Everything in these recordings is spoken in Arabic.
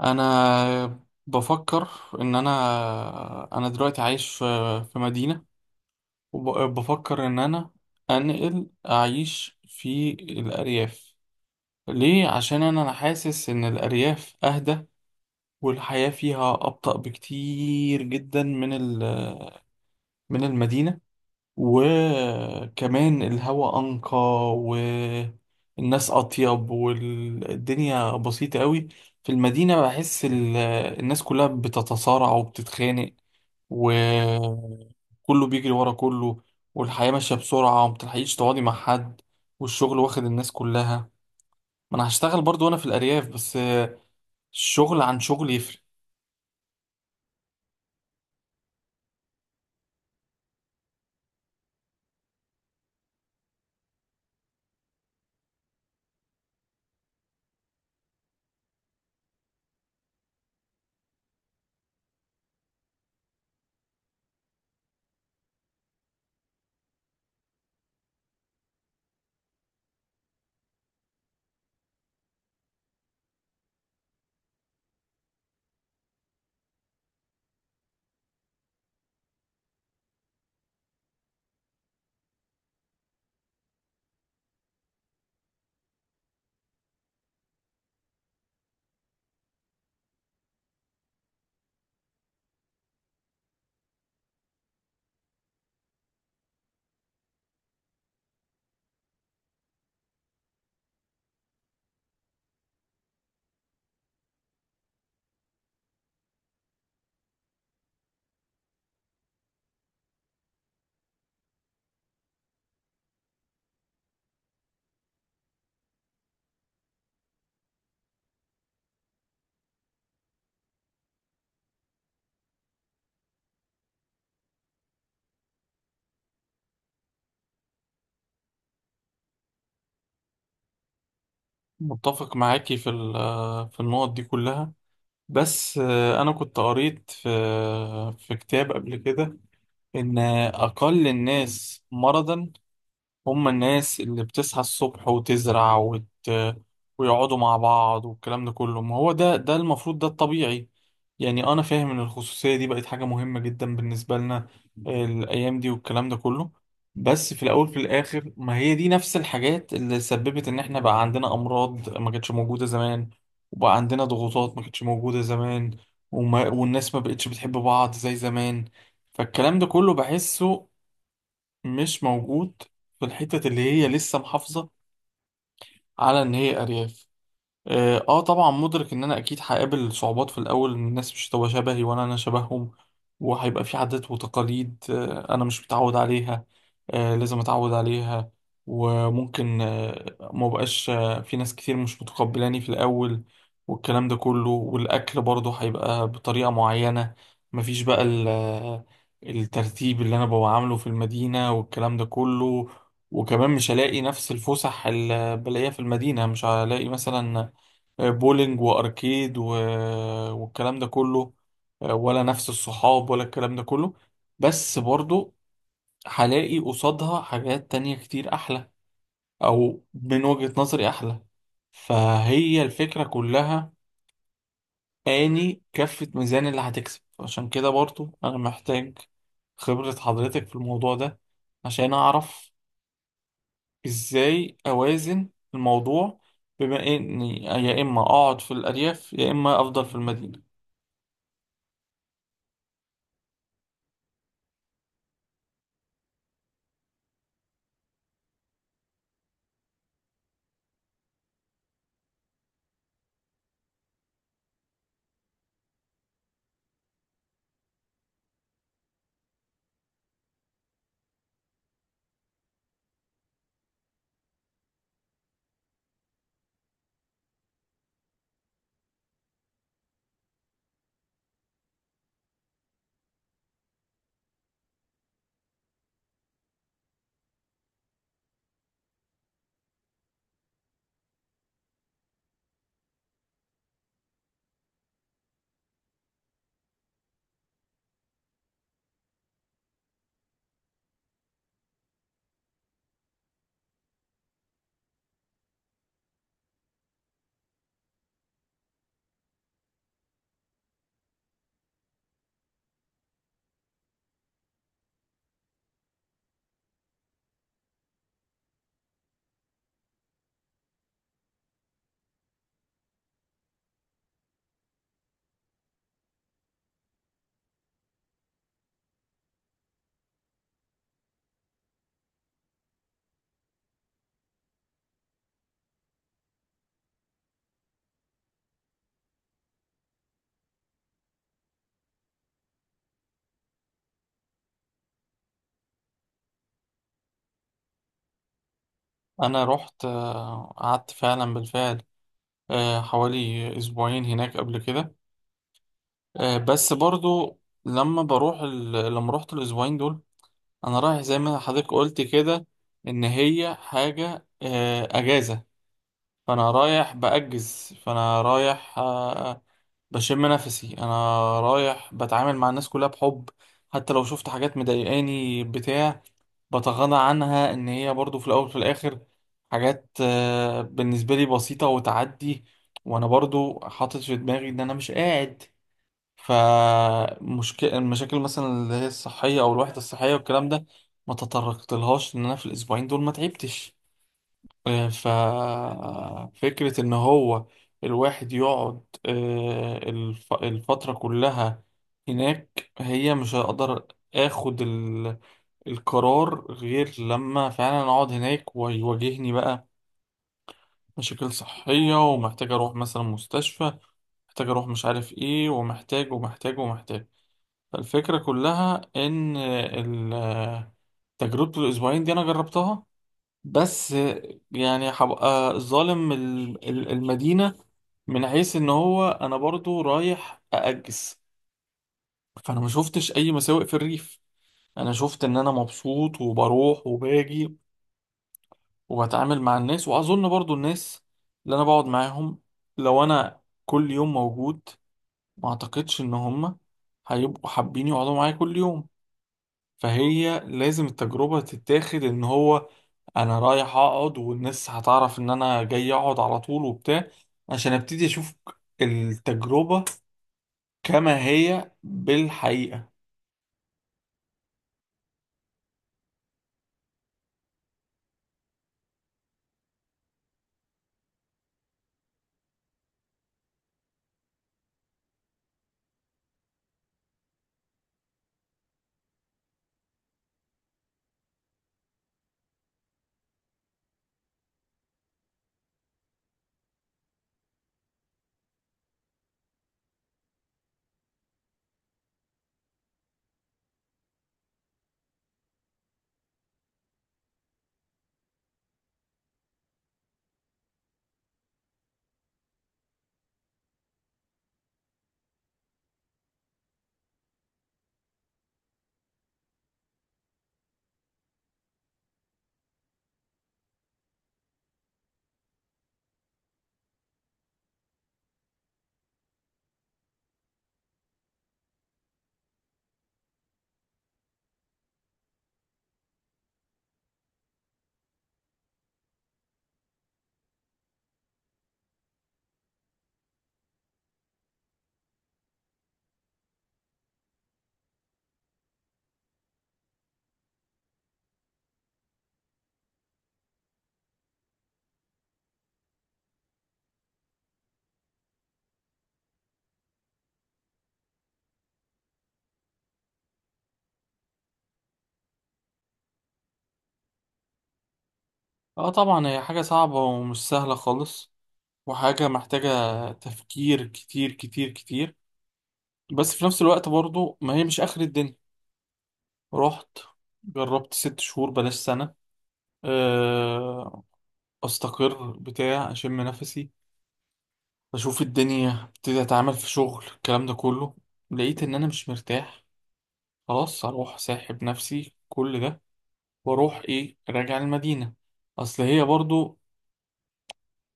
انا بفكر ان انا دلوقتي عايش في مدينة. وبفكر ان انا انقل اعيش في الارياف. ليه؟ عشان انا حاسس ان الارياف اهدى، والحياة فيها ابطأ بكتير جدا من المدينة. وكمان الهواء أنقى، والناس أطيب، والدنيا بسيطة قوي. في المدينة بحس الناس كلها بتتصارع وبتتخانق، وكله بيجري ورا كله، والحياة ماشية بسرعة ومبتلحقيش تقعدي مع حد، والشغل واخد الناس كلها. ما أنا هشتغل برضو وأنا في الأرياف، بس الشغل عن شغل يفرق. متفق معاكي في النقط دي كلها. بس أنا كنت قريت في كتاب قبل كده إن أقل الناس مرضا هم الناس اللي بتصحى الصبح وتزرع ويقعدوا مع بعض، والكلام ده كله. ما هو ده المفروض، ده الطبيعي. يعني أنا فاهم إن الخصوصية دي بقت حاجة مهمة جدا بالنسبة لنا الأيام دي، والكلام ده كله. بس في الأول في الآخر، ما هي دي نفس الحاجات اللي سببت إن إحنا بقى عندنا أمراض ما كانتش موجودة زمان، وبقى عندنا ضغوطات ما كانتش موجودة زمان، والناس ما بقتش بتحب بعض زي زمان. فالكلام ده كله بحسه مش موجود في الحتة اللي هي لسه محافظة على إن هي أرياف. طبعا مدرك ان انا اكيد هقابل صعوبات في الاول، إن الناس مش هتبقى شبهي ولا انا شبههم، وهيبقى في عادات وتقاليد انا مش متعود عليها، لازم اتعود عليها. وممكن ما بقاش في ناس كتير مش متقبلاني في الاول، والكلام ده كله. والاكل برضه هيبقى بطريقة معينة، مفيش بقى الترتيب اللي انا ببقى عامله في المدينة، والكلام ده كله. وكمان مش هلاقي نفس الفسح اللي بلاقيها في المدينة، مش هلاقي مثلا بولينج واركيد والكلام ده كله، ولا نفس الصحاب ولا الكلام ده كله. بس برضو هلاقي قصادها حاجات تانية كتير احلى، او من وجهة نظري احلى. فهي الفكرة كلها، اني كفة ميزان اللي هتكسب. عشان كده برضو انا محتاج خبرة حضرتك في الموضوع ده، عشان اعرف ازاي اوازن الموضوع، بما اني يا اما اقعد في الارياف يا اما افضل في المدينة. انا رحت، قعدت فعلا بالفعل حوالي اسبوعين هناك قبل كده. بس برضو لما رحت الاسبوعين دول، انا رايح زي ما حضرتك قلت كده، ان هي حاجة اجازة. فانا رايح بشم نفسي. انا رايح بتعامل مع الناس كلها بحب، حتى لو شفت حاجات مضايقاني بتاع، بتغاضى عنها ان هي برضو في الاول وفي الاخر حاجات بالنسبه لي بسيطه وتعدي. وانا برضو حاطط في دماغي ان انا مش قاعد، فمشكلة المشاكل مثلا اللي هي الصحيه او الوحده الصحيه والكلام ده ما تطرقتلهاش، ان انا في الاسبوعين دول ما تعبتش. ففكره ان هو الواحد يقعد الفتره كلها هناك، هي مش هقدر اخد القرار غير لما فعلا اقعد هناك ويواجهني بقى مشاكل صحية، ومحتاج اروح مثلا مستشفى، محتاج اروح مش عارف ايه، ومحتاج ومحتاج ومحتاج. فالفكرة كلها ان تجربة الاسبوعين دي انا جربتها بس. يعني هبقى ظالم المدينة من حيث ان هو انا برضو رايح اأجس، فانا ما شفتش اي مساوئ في الريف. انا شفت ان انا مبسوط وبروح وباجي وبتعامل مع الناس، واظن برضو الناس اللي انا بقعد معاهم لو انا كل يوم موجود، ما اعتقدش ان هم هيبقوا حابين يقعدوا معايا كل يوم. فهي لازم التجربة تتاخد، ان هو انا رايح اقعد والناس هتعرف ان انا جاي اقعد على طول وبتاع، عشان ابتدي اشوف التجربة كما هي بالحقيقة. اه، طبعا هي حاجة صعبة ومش سهلة خالص، وحاجة محتاجة تفكير كتير كتير كتير. بس في نفس الوقت برضو ما هي مش آخر الدنيا. رحت جربت 6 شهور، بلاش سنة، آه، أستقر بتاع أشم نفسي أشوف الدنيا ابتدي أتعامل في شغل الكلام ده كله، لقيت إن أنا مش مرتاح، خلاص أروح ساحب نفسي كل ده وأروح إيه، راجع المدينة. أصل هي برضو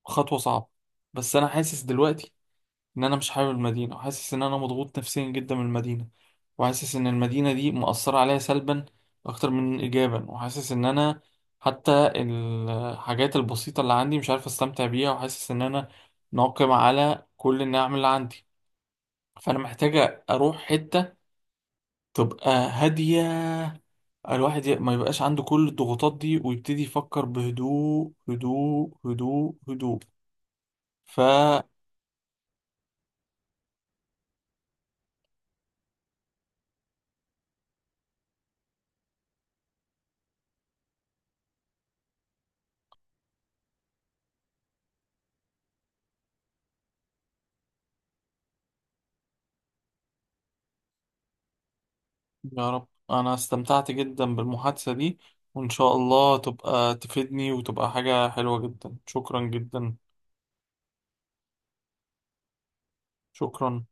خطوة صعبة. بس أنا حاسس دلوقتي ان انا مش حابب المدينه، وحاسس ان انا مضغوط نفسيا جدا من المدينه، وحاسس ان المدينه دي مؤثره عليا سلبا اكتر من ايجابا، وحاسس ان انا حتى الحاجات البسيطه اللي عندي مش عارف استمتع بيها، وحاسس ان انا ناقم على كل النعم اللي عندي. فانا محتاجه اروح حته تبقى هاديه، الواحد ما يبقاش عنده كل الضغوطات دي ويبتدي يفكر بهدوء هدوء هدوء هدوء. يا رب. أنا استمتعت جدا بالمحادثة دي، وإن شاء الله تبقى تفيدني وتبقى حاجة حلوة جدا. شكرا جدا. شكرا.